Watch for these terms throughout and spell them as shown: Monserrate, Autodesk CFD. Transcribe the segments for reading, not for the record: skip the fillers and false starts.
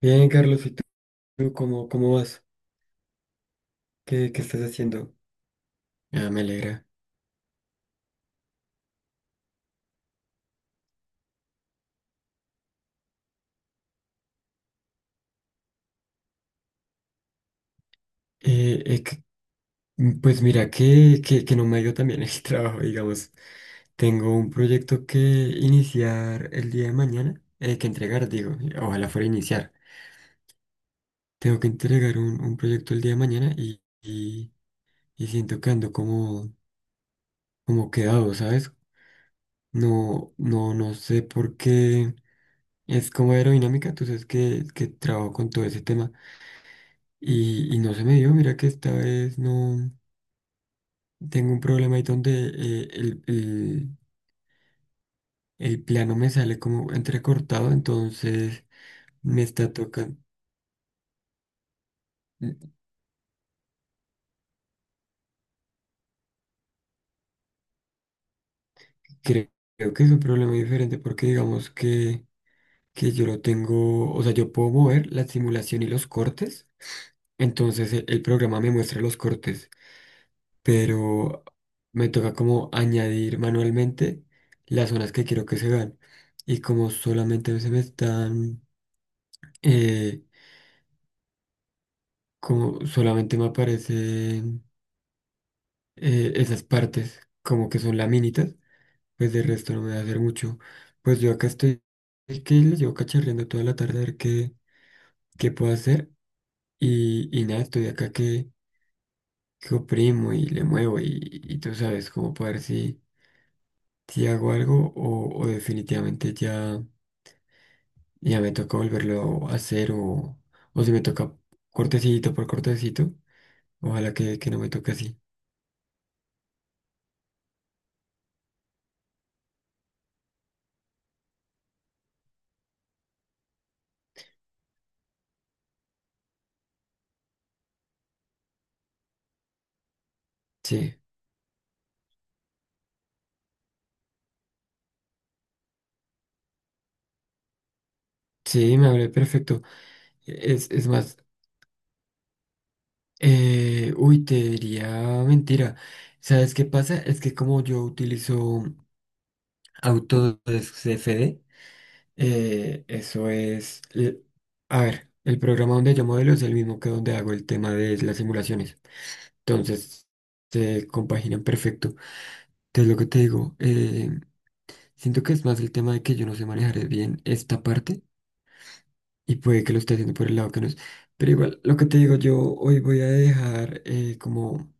Bien, Carlos, ¿y tú cómo vas? ¿Qué estás haciendo? Ah, me alegra. Eh, eh, que- pues mira, que no me ha ido también el trabajo, digamos. Tengo un proyecto que iniciar el día de mañana, que entregar, digo, ojalá fuera iniciar. Tengo que entregar un proyecto el día de mañana y siento que ando como, como quedado, ¿sabes? No, no sé por qué. Es como aerodinámica, tú sabes que trabajo con todo ese tema. Y no se me dio, mira que esta vez no tengo un problema ahí donde el plano me sale como entrecortado, entonces me está tocando. Creo, Creo que es un problema diferente porque digamos que yo lo tengo, o sea, yo puedo mover la simulación y los cortes, entonces el programa me muestra los cortes, pero me toca como añadir manualmente las zonas que quiero que se vean. Y como solamente se me están... eh, como solamente me aparecen esas partes, como que son laminitas, pues de resto no me va a hacer mucho. Pues yo acá estoy, es que le llevo cacharreando toda la tarde a ver qué puedo hacer y nada, estoy acá que oprimo y le muevo y tú sabes cómo para ver si, si hago algo o definitivamente ya me toca volverlo a hacer o si me toca cortecito por cortecito, ojalá que no me toque así. Sí, sí, me hablé perfecto. Es más, uy, te diría mentira. ¿Sabes qué pasa? Es que como yo utilizo Autodesk CFD, eso es... A ver, el programa donde yo modelo es el mismo que donde hago el tema de las simulaciones. Entonces, se compaginan perfecto. Entonces, lo que te digo, siento que es más el tema de que yo no sé manejar bien esta parte y puede que lo esté haciendo por el lado que no es. Pero igual, lo que te digo, yo hoy voy a dejar como...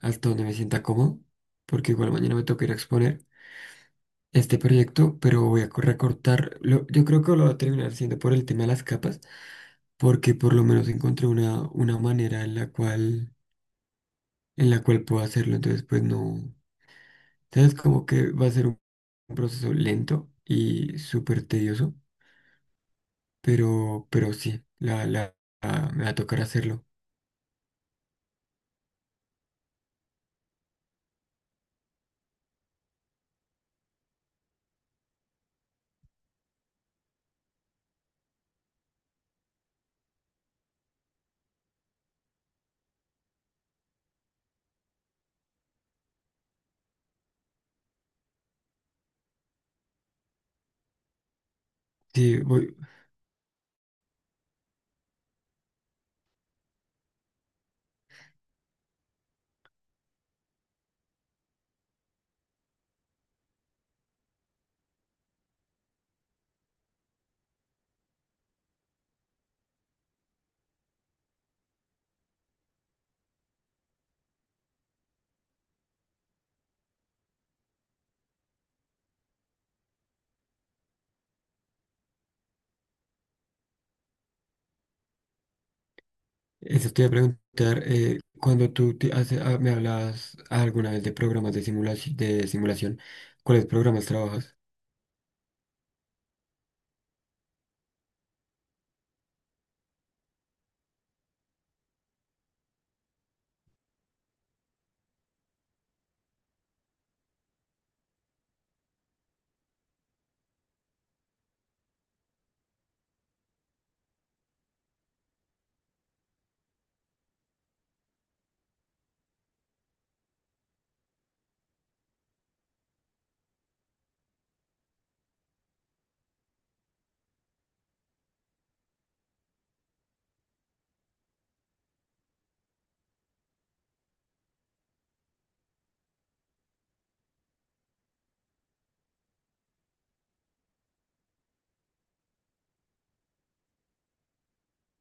hasta donde me sienta cómodo, porque igual mañana me toca ir a exponer este proyecto, pero recortar, yo creo que lo voy a terminar siendo por el tema de las capas, porque por lo menos encontré una manera en la cual puedo hacerlo, entonces pues no, sabes como que va a ser un proceso lento y súper tedioso, pero sí, me va a tocar hacerlo. Sí, voy. Eso te iba a preguntar. Cuando tú te hace- ah, Me hablabas alguna vez de programas de simulación, ¿cuáles programas trabajas?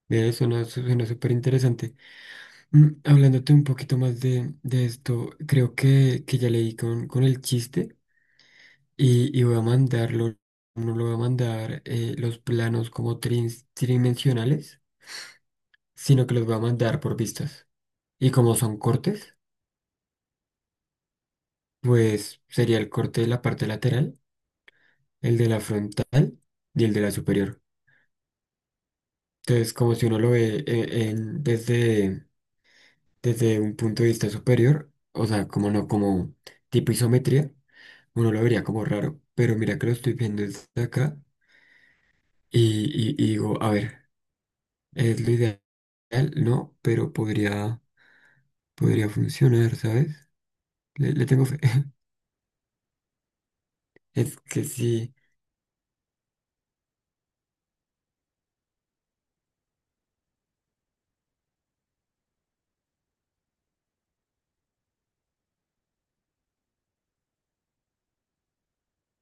Ve, suena súper interesante. Mm, hablándote un poquito más de esto, creo que ya leí con el chiste y voy a mandarlo, no lo voy a mandar los planos como tridimensionales, sino que los voy a mandar por vistas. Y como son cortes, pues sería el corte de la parte lateral, el de la frontal y el de la superior. Entonces, como si uno lo ve desde, desde un punto de vista superior, o sea, como no, como tipo isometría, uno lo vería como raro, pero mira que lo estoy viendo desde acá y, y digo, a ver, es lo ideal, no, pero podría, podría funcionar, ¿sabes? Le tengo fe. Es que sí.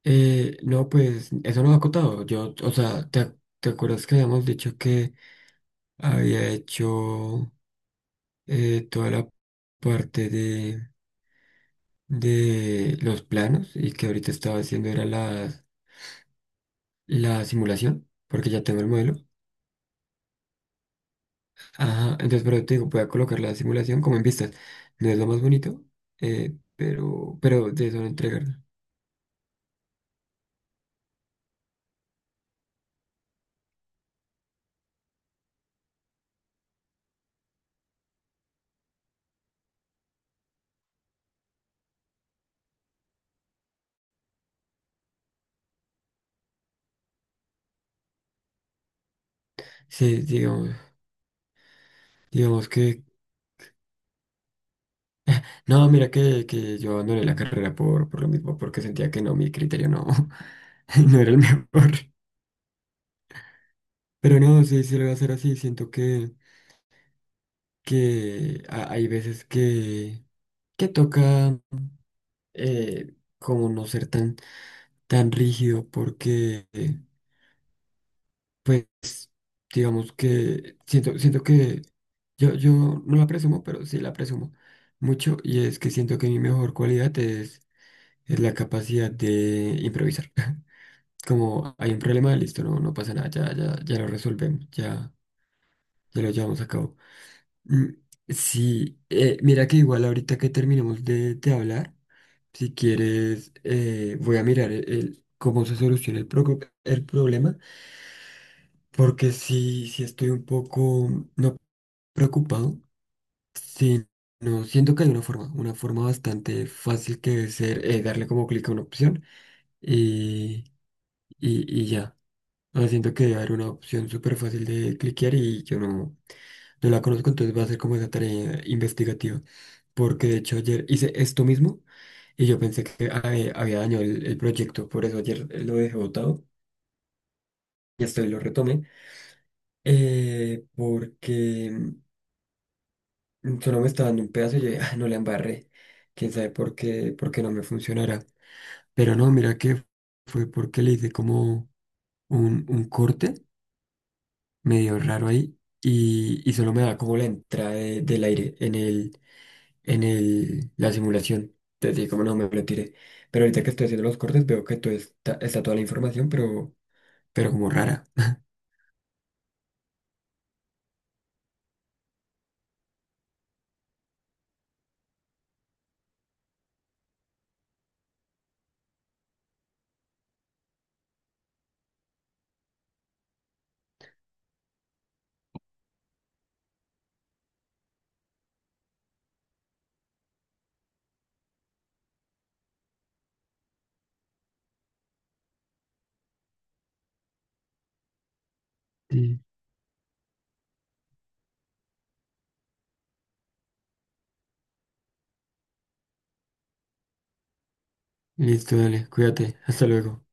No, pues eso no ha acotado. Yo, o sea, te acuerdas que habíamos dicho que había hecho. Toda la parte de los planos y que ahorita estaba haciendo era la simulación, porque ya tengo el modelo. Ajá, entonces, pero te digo, voy a colocar la simulación como en vistas. No es lo más bonito, pero de eso no entregar. Sí, digamos, digamos que... No, mira que yo abandoné la carrera por lo mismo, porque sentía que no, mi criterio no, no era el mejor. Pero no, sí, sí lo voy a hacer así. Siento que, hay veces que toca como no ser tan, tan rígido porque, pues, digamos que siento que yo no la presumo, pero sí la presumo mucho y es que siento que mi mejor cualidad es la capacidad de improvisar. Como hay un problema, listo, no, no pasa nada, ya, ya, ya lo resolvemos, ya, ya lo llevamos a cabo. Mm, sí, mira que igual ahorita que terminemos de hablar, si quieres, voy a mirar cómo se soluciona el problema, porque sí, sí estoy un poco no preocupado, sino siento que hay una forma bastante fácil que debe ser darle como clic a una opción y, y ya. No, siento que era una opción súper fácil de cliquear y yo no, no la conozco, entonces va a ser como esa tarea investigativa. Porque de hecho ayer hice esto mismo y yo pensé que había dañado el proyecto, por eso ayer lo dejé botado y hasta hoy lo retomé. Porque mm, solo me estaba dando un pedazo y yo dije, "Ah, no la embarré. Quién sabe por qué no me funcionará". Pero no, mira que fue porque le hice como un corte medio raro ahí y solo me da como la entrada del aire en el, la simulación. Entonces, sí, como no me lo tiré. Pero ahorita que estoy haciendo los cortes veo que todo está, está toda la información, pero como rara. Sí, listo, dale, cuídate, hasta luego.